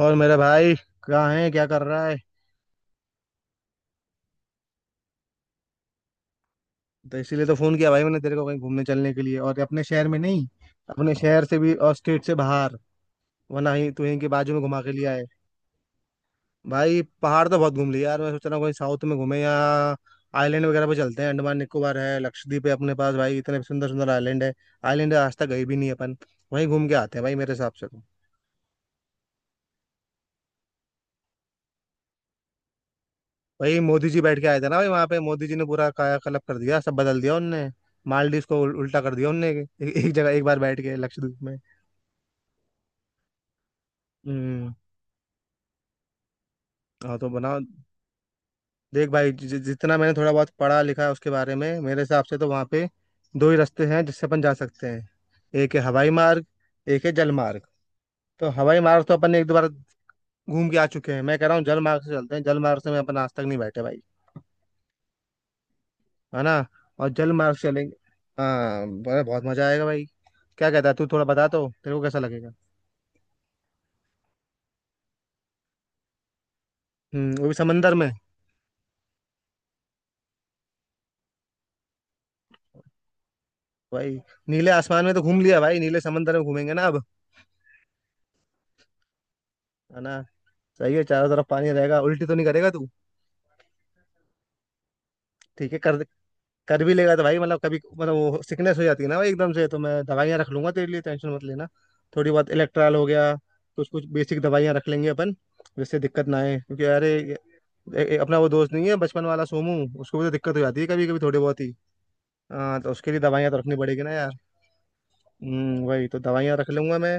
और मेरा भाई कहाँ है, क्या कर रहा है। तो इसीलिए तो फोन किया भाई मैंने तेरे को, कहीं घूमने चलने के लिए, और अपने शहर में नहीं, अपने शहर से भी और स्टेट से बाहर। वरना ही तू यहीं के बाजू में घुमा के लिया है। भाई पहाड़ तो बहुत घूम लिए यार, मैं सोच रहा हूँ कहीं साउथ में घूमे, या आइलैंड वगैरह पे चलते हैं। अंडमान निकोबार है, लक्षद्वीप है अपने पास, भाई इतने सुंदर सुंदर आइलैंड है। आइलैंड आज तक गए भी नहीं अपन। वहीं घूम के आते हैं भाई मेरे हिसाब से तो। वही मोदी जी बैठ के आए थे ना भाई वहां पे, मोदी जी ने पूरा कायाकल्प कर दिया, सब बदल दिया उनने। मालदीव को उल्टा कर दिया उनने, एक जगह एक बार बैठ के लक्षद्वीप में। हम्म। हाँ तो बनाओ। देख भाई, जि, जि- जितना मैंने थोड़ा बहुत पढ़ा लिखा है उसके बारे में, मेरे हिसाब से तो वहां पे दो ही रास्ते हैं जिससे अपन जा सकते हैं। एक है हवाई मार्ग, एक है जल मार्ग। तो हवाई मार्ग तो अपन ने एक दो बार घूम के आ चुके हैं, मैं कह रहा हूँ जल मार्ग से चलते हैं। जल मार्ग से मैं अपन आज तक नहीं बैठे भाई, है ना। और जल मार्ग से चलेंगे। हाँ, बहुत मजा आएगा भाई। क्या कहता है तू, थोड़ा बता तो, तेरे को कैसा लगेगा। हम्म, वो भी समंदर में। भाई नीले आसमान में तो घूम लिया भाई, नीले समंदर में घूमेंगे ना अब, है ना। सही है, चारों तरफ पानी रहेगा, उल्टी तो नहीं करेगा तू। ठीक है कर। कर भी लेगा तो भाई, मतलब कभी मतलब वो सिकनेस हो जाती है ना भाई एकदम से, तो मैं दवाइयाँ रख लूंगा तेरे लिए, टेंशन मत लेना। थोड़ी बहुत इलेक्ट्रॉल हो गया, कुछ कुछ बेसिक दवाइयाँ रख लेंगे अपन, जिससे दिक्कत ना आए। क्योंकि अरे अपना वो दोस्त नहीं है बचपन वाला सोमू, उसको भी तो दिक्कत हो जाती है कभी कभी थोड़ी बहुत ही। हाँ तो उसके लिए दवाइयाँ तो रखनी पड़ेगी ना यार। हम्म, वही तो दवाइयाँ रख लूंगा मैं।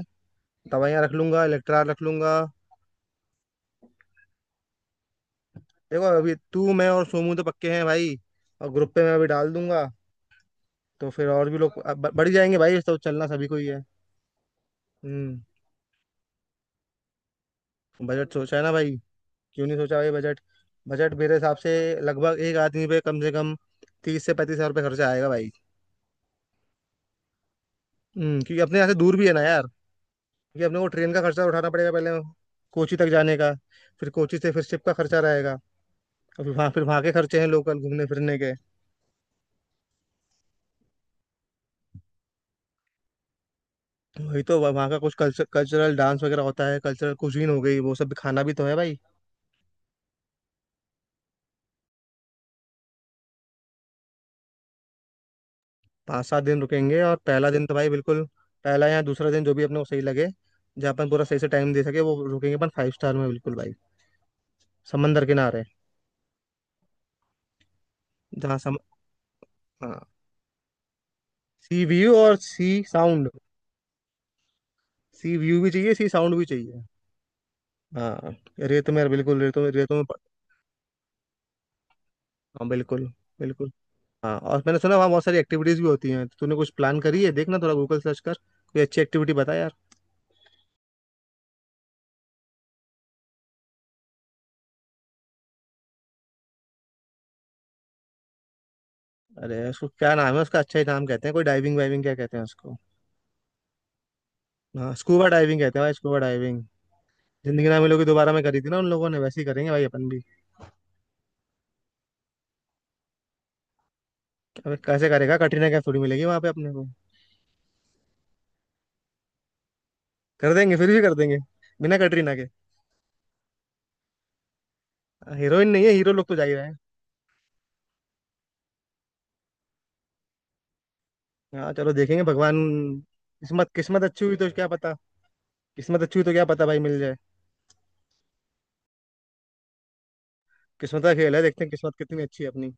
दवाइयाँ रख लूंगा, इलेक्ट्रा रख लूंगा। देखो अभी तू, मैं और सोमू तो पक्के हैं भाई। और ग्रुप पे मैं अभी डाल दूंगा, तो फिर और भी लोग अब बढ़ जाएंगे भाई, तो चलना सभी को ही है। हम्म। बजट सोचा है ना भाई, क्यों नहीं सोचा भाई बजट। बजट मेरे हिसाब से लगभग एक आदमी पे कम से कम 30 से 35 हज़ार रुपये खर्चा आएगा भाई। हम्म, क्योंकि अपने यहाँ से दूर भी है ना यार। क्योंकि अपने को ट्रेन का खर्चा उठाना पड़ेगा पहले, कोची तक जाने का। फिर कोची से फिर शिप का खर्चा रहेगा। और फिर वहाँ, फिर वहाँ के खर्चे हैं लोकल घूमने फिरने के। तो वही तो, वहाँ का कुछ कल्चर, कल्चरल डांस वगैरह होता है, कल्चरल कुजीन हो गई, वो सब भी, खाना भी तो है भाई। 5-7 दिन रुकेंगे। और पहला दिन तो भाई बिल्कुल, पहला या दूसरा दिन जो भी अपने को सही लगे, जहाँ अपन पूरा सही से टाइम दे सके वो रुकेंगे अपन फाइव स्टार में, बिल्कुल भाई, समंदर किनारे जहाँ सम। हाँ। सी व्यू और सी साउंड, सी व्यू भी चाहिए, सी साउंड भी चाहिए। हाँ, रेत में बिल्कुल, रेतों में, रेतों में प। हाँ बिल्कुल। बिल्कुल। हाँ, और मैंने सुना वहाँ बहुत सारी एक्टिविटीज भी होती हैं, तूने कुछ प्लान करी है, देखना थोड़ा गूगल सर्च कर, कोई अच्छी एक्टिविटी बता यार। अरे उसको क्या नाम है उसका, अच्छा ही नाम कहते हैं, कोई डाइविंग वाइविंग क्या कहते हैं उसको। हाँ स्कूबा डाइविंग कहते हैं भाई, स्कूबा डाइविंग। जिंदगी ना मिलोगी दोबारा में करी थी ना उन लोगों ने, वैसे ही करेंगे भाई अपन भी। अबे कैसे करेगा, कटरीना कैफ थोड़ी मिलेगी वहां पे अपने को। कर देंगे, फिर भी कर देंगे, बिना कटरीना के। हीरोइन नहीं है, हीरो लोग तो जा ही रहे हैं। हाँ चलो देखेंगे, भगवान। किस्मत, किस्मत अच्छी हुई तो क्या पता। किस्मत अच्छी हुई तो क्या पता भाई, मिल जाए। किस्मत का खेल है, देखते हैं किस्मत कितनी अच्छी है अपनी।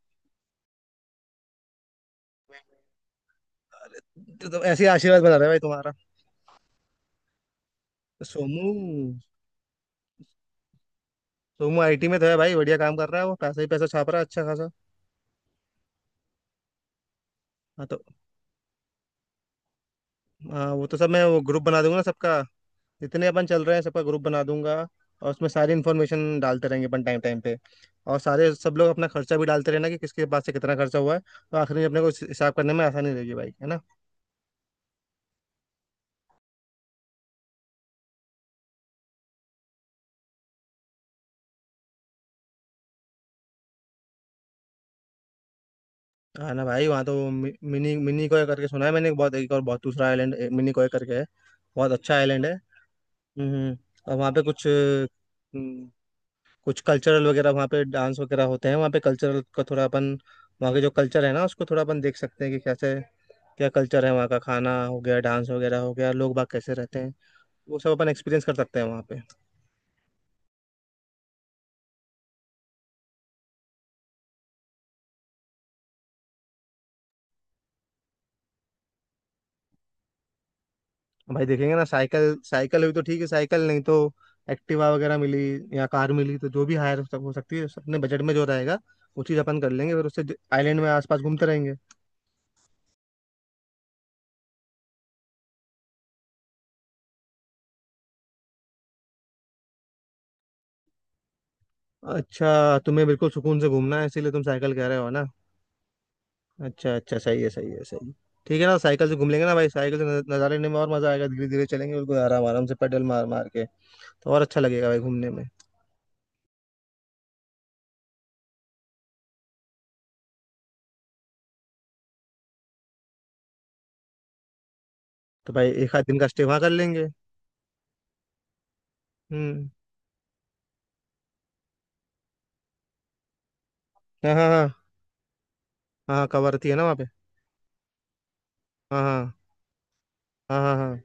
तो ऐसे ही आशीर्वाद बना रहा है भाई तुम्हारा। तो सोमू, सोमू आईटी में तो है भाई, बढ़िया काम कर रहा है, वो पैसा ही पैसा छाप रहा है अच्छा खासा। हाँ तो, हाँ वो तो सब मैं, वो ग्रुप बना दूंगा ना सबका, जितने अपन चल रहे हैं सबका ग्रुप बना दूंगा। और उसमें सारी इन्फॉर्मेशन डालते रहेंगे अपन टाइम टाइम पे। और सारे सब लोग अपना खर्चा भी डालते रहना, कि किसके पास से कितना खर्चा हुआ है। तो आखिर में अपने को हिसाब करने में आसानी रहेगी भाई, है ना। हाँ ना भाई, वहाँ तो मि- मिनी मिनी कोय करके सुना है मैंने, एक बहुत, एक और बहुत दूसरा आइलैंड मिनी कोय करके है, बहुत अच्छा आइलैंड है। हम्म। और वहाँ पे कुछ, कुछ कल्चरल वगैरह वहाँ पे, डांस वगैरह होते हैं वहाँ पे, कल्चरल का थोड़ा अपन, वहाँ के जो कल्चर है ना उसको थोड़ा अपन देख सकते हैं कि कैसे क्या कल्चर है वहाँ का। खाना हो गया, डांस वगैरह हो गया, लोग बाग कैसे रहते हैं, वो सब अपन एक्सपीरियंस कर सकते हैं वहाँ पे। भाई देखेंगे ना, साइकिल, साइकिल हुई तो ठीक है, साइकिल नहीं तो एक्टिवा वगैरह मिली, या कार मिली तो, जो भी हायर हो सकती है अपने बजट में जो रहेगा वो चीज़ अपन कर लेंगे, फिर उससे आइलैंड में आसपास घूमते रहेंगे। अच्छा, तुम्हें बिल्कुल सुकून से घूमना है इसीलिए तुम साइकिल कह रहे हो ना। अच्छा अच्छा, सही है, सही है, सही है। ठीक है ना, साइकिल से घूम लेंगे ना भाई, साइकिल से नज़ारे लेने में और मज़ा आएगा, धीरे धीरे चलेंगे बिल्कुल आराम आराम से, पेडल मार मार के तो और अच्छा लगेगा भाई घूमने में। तो भाई एक आध दिन का स्टे वहाँ कर लेंगे। हम्म। हाँ हाँ हाँ। हाँ कवारती है ना वहाँ पे। हाँ हाँ हाँ। हाँ हाँ।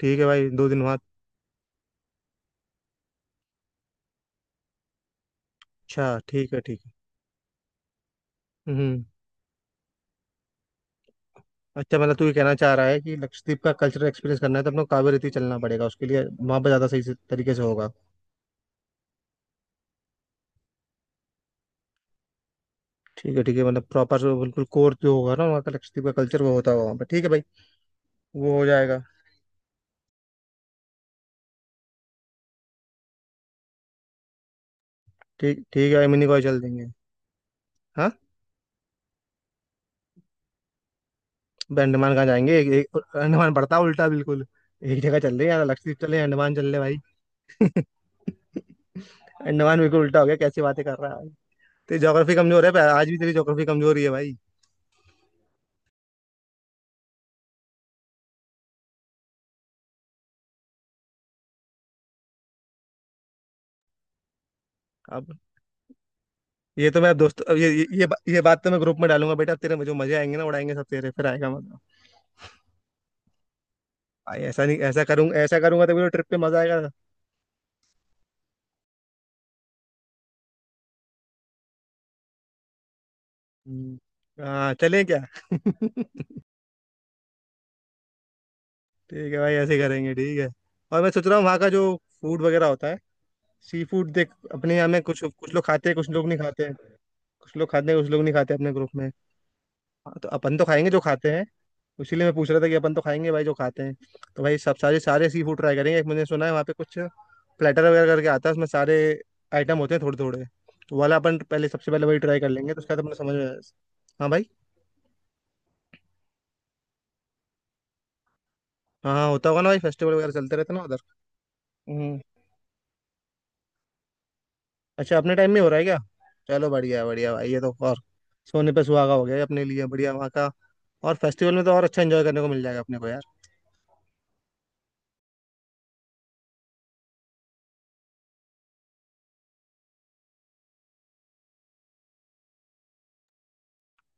ठीक है भाई, 2 दिन वहाँ। अच्छा ठीक है, ठीक है। हम्म। अच्छा, मतलब तू ये कहना चाह रहा है कि लक्षद्वीप का कल्चरल एक्सपीरियंस करना है तो अपने को कावेरी चलना पड़ेगा, उसके लिए वहाँ पर ज़्यादा सही से तरीके से होगा। ठीक है ठीक है, मतलब प्रॉपर बिल्कुल कोर जो होगा ना वहाँ का, लक्षद्वीप का कल्चर वो होता होगा वहाँ पे, ठीक है भाई, वो हो जाएगा। ठीक, ठीक है भाई, मिनी कॉय चल देंगे। हाँ। भाई अंडमान कहाँ जाएंगे, एक, अंडमान पड़ता है उल्टा बिल्कुल। एक जगह चल रहे हैं यार, लक्षद्वीप चले, अंडमान चल रहे भाई। अंडमान बिल्कुल उल्टा हो गया, कैसी बातें कर रहा है भाई। तेरी ज्योग्राफी कमजोर है, पर आज भी तेरी ज्योग्राफी कमजोर ही है भाई। अब ये तो मैं दोस्त, अब ये बात तो मैं ग्रुप में डालूंगा बेटा, तेरे में जो मजे आएंगे ना, उड़ाएंगे सब तेरे, फिर आएगा मजा। भाई ऐसा नहीं, ऐसा करूंगा, ऐसा करूंगा तभी तो ट्रिप पे मजा आएगा। हम्म, हाँ चलें क्या। ठीक है भाई ऐसे ही करेंगे, ठीक है। और मैं सोच रहा हूँ वहाँ का जो फूड वगैरह होता है, सी फूड, देख अपने यहाँ में कुछ कुछ लोग खाते हैं, कुछ लोग नहीं खाते हैं। कुछ लोग खाते हैं, कुछ लोग नहीं खाते अपने ग्रुप में। हाँ, तो अपन तो खाएंगे जो खाते हैं, इसीलिए मैं पूछ रहा था कि अपन तो खाएंगे भाई जो खाते हैं। तो भाई सब, सारे सारे सी फूड ट्राई करेंगे। एक मैंने सुना है वहाँ पे कुछ प्लेटर वगैरह करके आता है, उसमें सारे आइटम होते हैं थोड़े थोड़े, तो वाला अपन पहले, सबसे पहले वही ट्राई कर लेंगे, तो उसका तो अपने समझ में आया। हाँ भाई। हाँ हाँ होता होगा ना भाई, फेस्टिवल वगैरह चलते रहते ना उधर। हम्म। अच्छा, अपने टाइम में हो रहा है क्या। चलो बढ़िया बढ़िया भाई, ये तो और सोने पे सुहागा हो गया, ये अपने लिए बढ़िया, वहाँ का। और फेस्टिवल में तो और अच्छा एंजॉय करने को मिल जाएगा अपने को यार।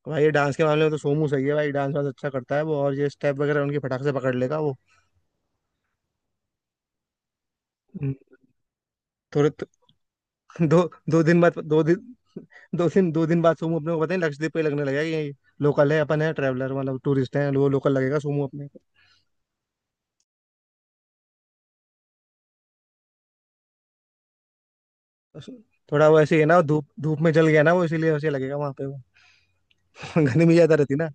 भाई ये डांस के मामले में तो सोमू सही है भाई, डांस वांस अच्छा करता है वो, और ये स्टेप वगैरह उनकी फटाक से पकड़ लेगा वो। हम्म, थोड़े तो, दो, दो दिन बाद, दो दिन, दो दिन, दो दिन बाद सोमू अपने को पता नहीं लक्षद्वीप पे लगने लगेगा कि ये लोकल है, अपन है ट्रैवलर मतलब टूरिस्ट है, वो लोकल लगेगा सोमू अपने को। थोड़ा वो ऐसे ही है ना, वो धूप धूप में जल गया ना वो, इसीलिए वैसे लगेगा वहां पे वो। गर्मी ज्यादा रहती ना।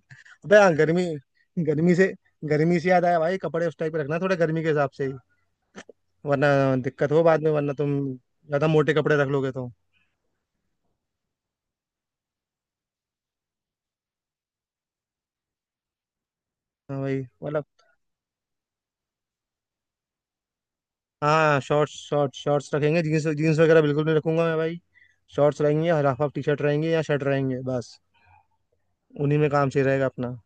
अबे हाँ, गर्मी, गर्मी से, गर्मी से याद आया भाई, कपड़े उस टाइप के रखना थोड़ा, गर्मी के हिसाब से ही, वरना दिक्कत हो बाद में, वरना तुम ज्यादा मोटे कपड़े रख लोगे तो। हाँ भाई मतलब, हाँ शॉर्ट्स, शॉर्ट्स शॉर्ट्स रखेंगे, जीन्स जीन्स वगैरह बिल्कुल नहीं रखूंगा मैं भाई। शॉर्ट्स रहेंगे, या हाफ हाफ टी शर्ट रहेंगे, या शर्ट रहेंगे बस, उन्हीं में काम सही रहेगा अपना।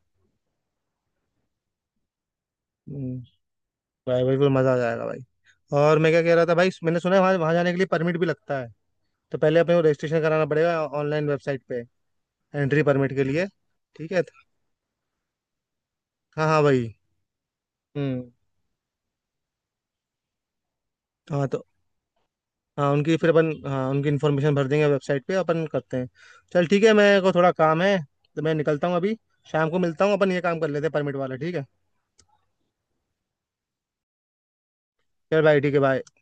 हम्म, भाई भाई बिल्कुल मजा आ जाएगा भाई। और मैं क्या कह रहा था भाई, मैंने सुना है वहाँ, वहाँ जाने के लिए परमिट भी लगता है, तो पहले अपने को रजिस्ट्रेशन कराना पड़ेगा ऑनलाइन वेबसाइट पे, एंट्री परमिट के लिए। ठीक है, हाँ हाँ भाई। हम्म। हाँ तो, हाँ उनकी फिर अपन, हाँ उनकी इन्फॉर्मेशन भर देंगे वेबसाइट पे अपन, करते हैं। चल ठीक है, मेरे को थोड़ा काम है तो मैं निकलता हूँ अभी। शाम को मिलता हूँ, अपन ये काम कर लेते हैं परमिट वाला, ठीक है। चल भाई, ठीक है भाई।